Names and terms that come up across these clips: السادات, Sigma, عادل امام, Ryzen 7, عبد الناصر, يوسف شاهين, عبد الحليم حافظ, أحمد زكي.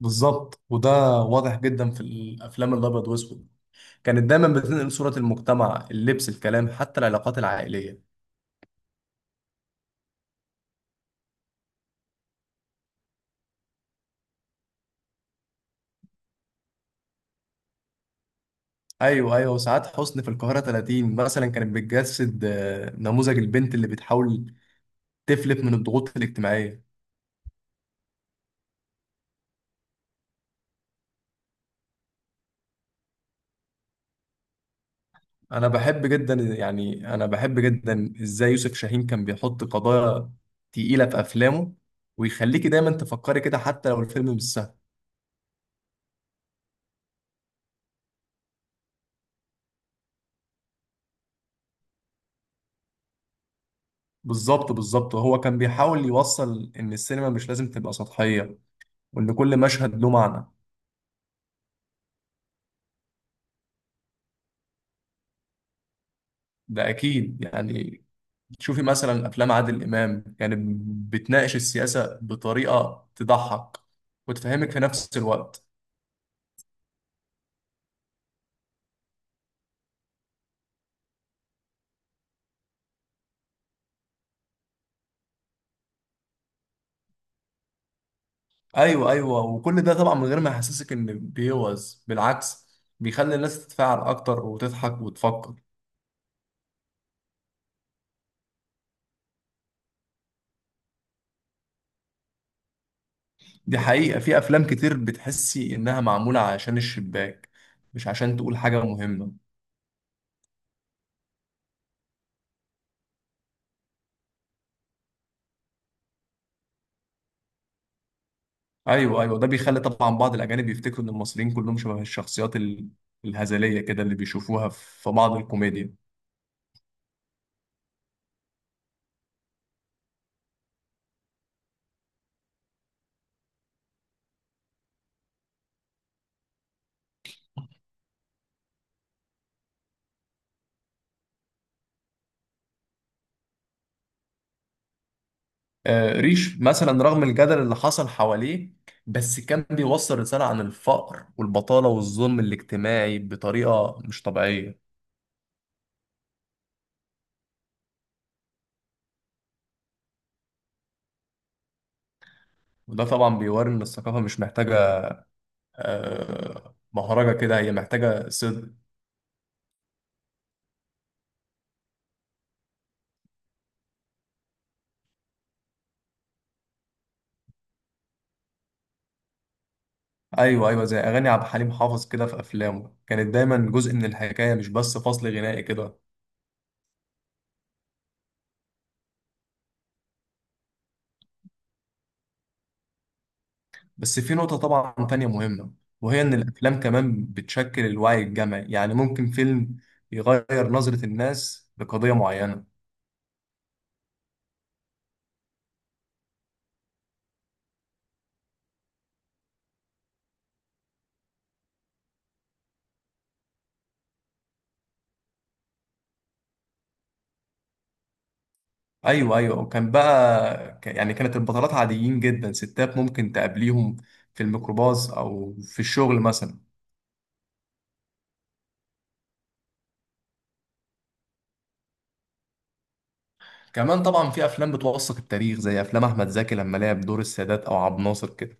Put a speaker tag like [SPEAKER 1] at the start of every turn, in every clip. [SPEAKER 1] بالظبط، وده واضح جدا في الافلام الابيض واسود. كانت دايما بتنقل صوره المجتمع، اللبس، الكلام، حتى العلاقات العائليه. ايوه وساعات حسن في القاهره 30 مثلا كانت بتجسد نموذج البنت اللي بتحاول تفلت من الضغوط الاجتماعيه. انا بحب جدا ازاي يوسف شاهين كان بيحط قضايا تقيله في افلامه ويخليكي دايما تفكري كده حتى لو الفيلم مش سهل. بالظبط هو كان بيحاول يوصل ان السينما مش لازم تبقى سطحيه وان كل مشهد له معنى. ده اكيد. يعني تشوفي مثلا افلام عادل امام، يعني بتناقش السياسه بطريقه تضحك وتفهمك في نفس الوقت. ايوه وكل ده طبعا من غير ما يحسسك ان بيوز، بالعكس، بيخلي الناس تتفاعل اكتر وتضحك وتفكر. دي حقيقه، في افلام كتير بتحسي انها معموله عشان الشباك مش عشان تقول حاجه مهمه. ايوه ده بيخلي طبعا بعض الاجانب يفتكروا ان المصريين كلهم شبه الشخصيات الهزليه كده اللي بيشوفوها في بعض الكوميديا. آه، ريش مثلا رغم الجدل اللي حصل حواليه بس كان بيوصل رساله عن الفقر والبطاله والظلم الاجتماعي بطريقه مش طبيعيه. وده طبعا بيوري ان الثقافه مش محتاجه آه مهرجه كده، هي محتاجه صدق. ايوه زي اغاني عبد الحليم حافظ كده في افلامه كانت دايما جزء من الحكايه، مش بس فصل غنائي كده. بس في نقطة طبعا تانية مهمة، وهي إن الأفلام كمان بتشكل الوعي الجمعي، يعني ممكن فيلم يغير نظرة الناس لقضية معينة. أيوة وكان بقى كانت البطلات عاديين جدا، ستات ممكن تقابليهم في الميكروباص أو في الشغل مثلا. كمان طبعا في أفلام بتوثق التاريخ زي أفلام أحمد زكي لما لعب دور السادات أو عبد الناصر كده.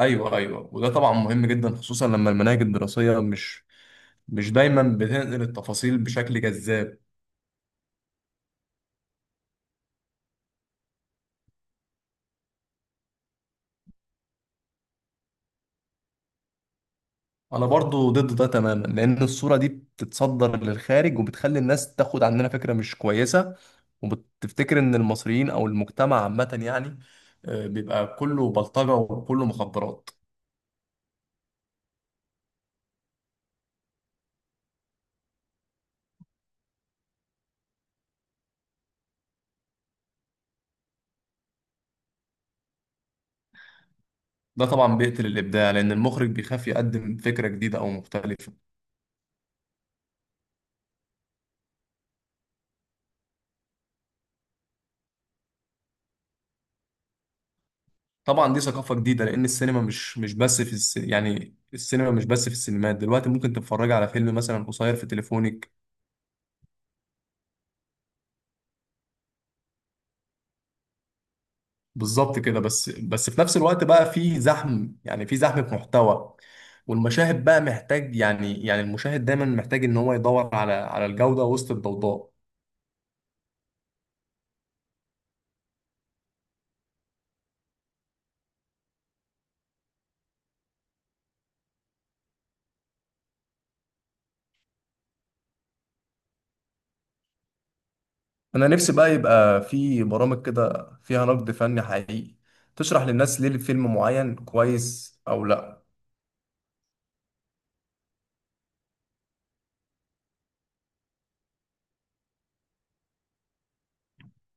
[SPEAKER 1] أيوة وده طبعا مهم جدا، خصوصا لما المناهج الدراسية مش دايما بتنقل التفاصيل بشكل جذاب. انا برضو ضد ده تماما لان الصورة دي بتتصدر للخارج وبتخلي الناس تاخد عننا فكرة مش كويسة، وبتفتكر ان المصريين او المجتمع عامة يعني بيبقى كله بلطجة وكله مخدرات. ده طبعا بيقتل الابداع لان المخرج بيخاف يقدم فكرة جديدة او مختلفة. طبعا دي ثقافة جديدة، لان السينما مش بس في يعني السينما مش بس في السينمات، دلوقتي ممكن تتفرج على فيلم مثلا قصير في تليفونك. بالظبط كده. بس في نفس الوقت بقى في زحم، يعني في زحمة محتوى. والمشاهد بقى محتاج، المشاهد دايما محتاج ان هو يدور على الجودة وسط الضوضاء. انا نفسي بقى يبقى في برامج كده فيها نقد فني حقيقي تشرح للناس ليه الفيلم معين كويس او لا.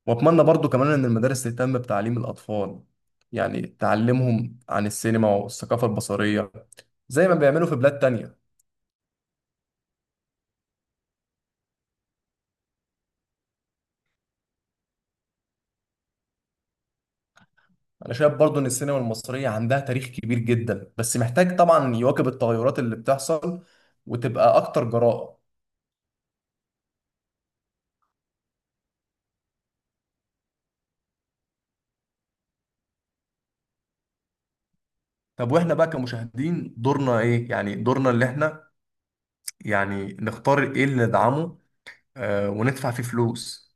[SPEAKER 1] واتمنى برضو كمان ان المدارس تهتم بتعليم الاطفال، يعني تعلمهم عن السينما والثقافة البصرية زي ما بيعملوا في بلاد تانية. انا شايف برضو ان السينما المصريه عندها تاريخ كبير جدا بس محتاج طبعا يواكب التغيرات اللي بتحصل وتبقى اكتر جراءه. طب واحنا بقى كمشاهدين دورنا ايه؟ يعني دورنا اللي احنا يعني نختار ايه اللي ندعمه وندفع فيه فلوس.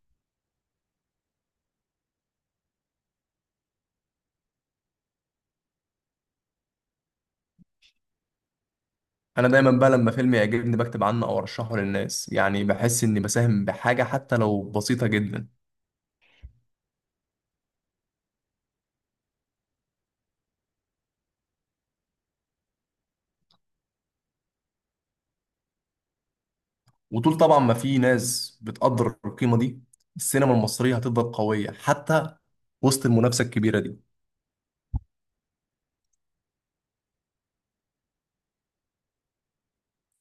[SPEAKER 1] انا دايما بقى لما فيلم يعجبني بكتب عنه او ارشحه للناس، يعني بحس اني بساهم بحاجه حتى لو بسيطه جدا. وطول طبعا ما في ناس بتقدر القيمه دي، السينما المصريه هتفضل قويه حتى وسط المنافسه الكبيره دي.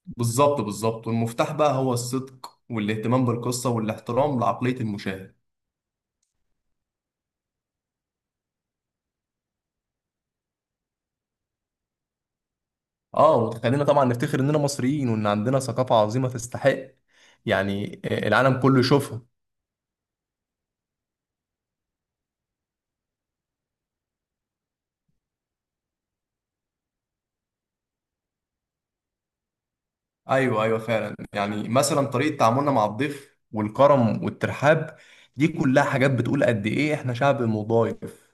[SPEAKER 1] بالظبط والمفتاح بقى هو الصدق والاهتمام بالقصة والاحترام لعقلية المشاهد. اه وتخلينا طبعا نفتخر اننا مصريين وان عندنا ثقافة عظيمة تستحق العالم كله يشوفها. أيوه فعلا، يعني مثلا طريقة تعاملنا مع الضيف والكرم والترحاب، دي كلها حاجات بتقول قد ايه احنا شعب مضايف.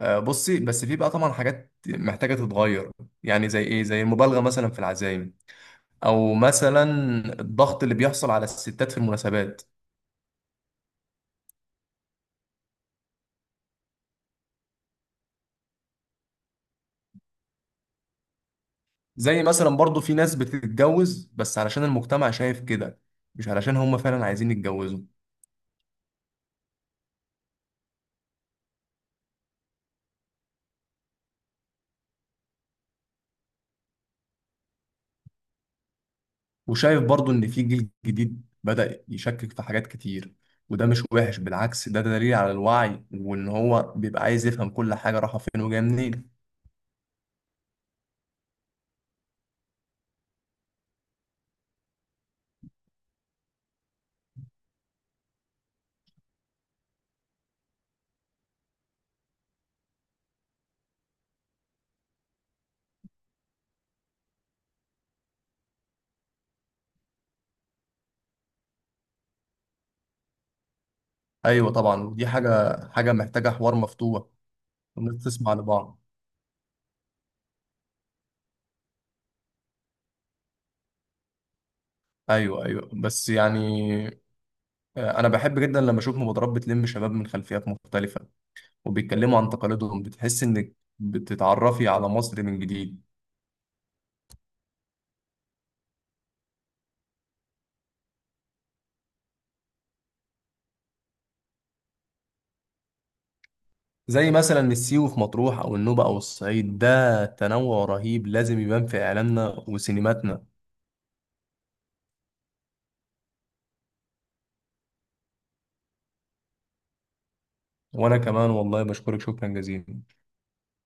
[SPEAKER 1] بصي، بس في بقى طبعا حاجات محتاجة تتغير. يعني زي ايه؟ زي المبالغة مثلا في العزايم، او مثلا الضغط اللي بيحصل على الستات في المناسبات. زي مثلا برضو في ناس بتتجوز بس علشان المجتمع شايف كده، مش علشان هم فعلا عايزين يتجوزوا. وشايف برضو ان في جيل جديد بدأ يشكك في حاجات كتير، وده مش وحش، بالعكس ده دليل على الوعي وان هو بيبقى عايز يفهم كل حاجة رايحة فين وجاية منين. ايوه طبعا، ودي حاجة محتاجة حوار مفتوح والناس تسمع لبعض. ايوه بس يعني انا بحب جدا لما اشوف مبادرات بتلم شباب من خلفيات مختلفة وبيتكلموا عن تقاليدهم، بتحس انك بتتعرفي على مصر من جديد. زي مثلا السيوي في مطروح او النوبة او الصعيد، ده تنوع رهيب لازم يبان في اعلامنا وسينماتنا. وانا كمان والله بشكرك شكرا جزيلا.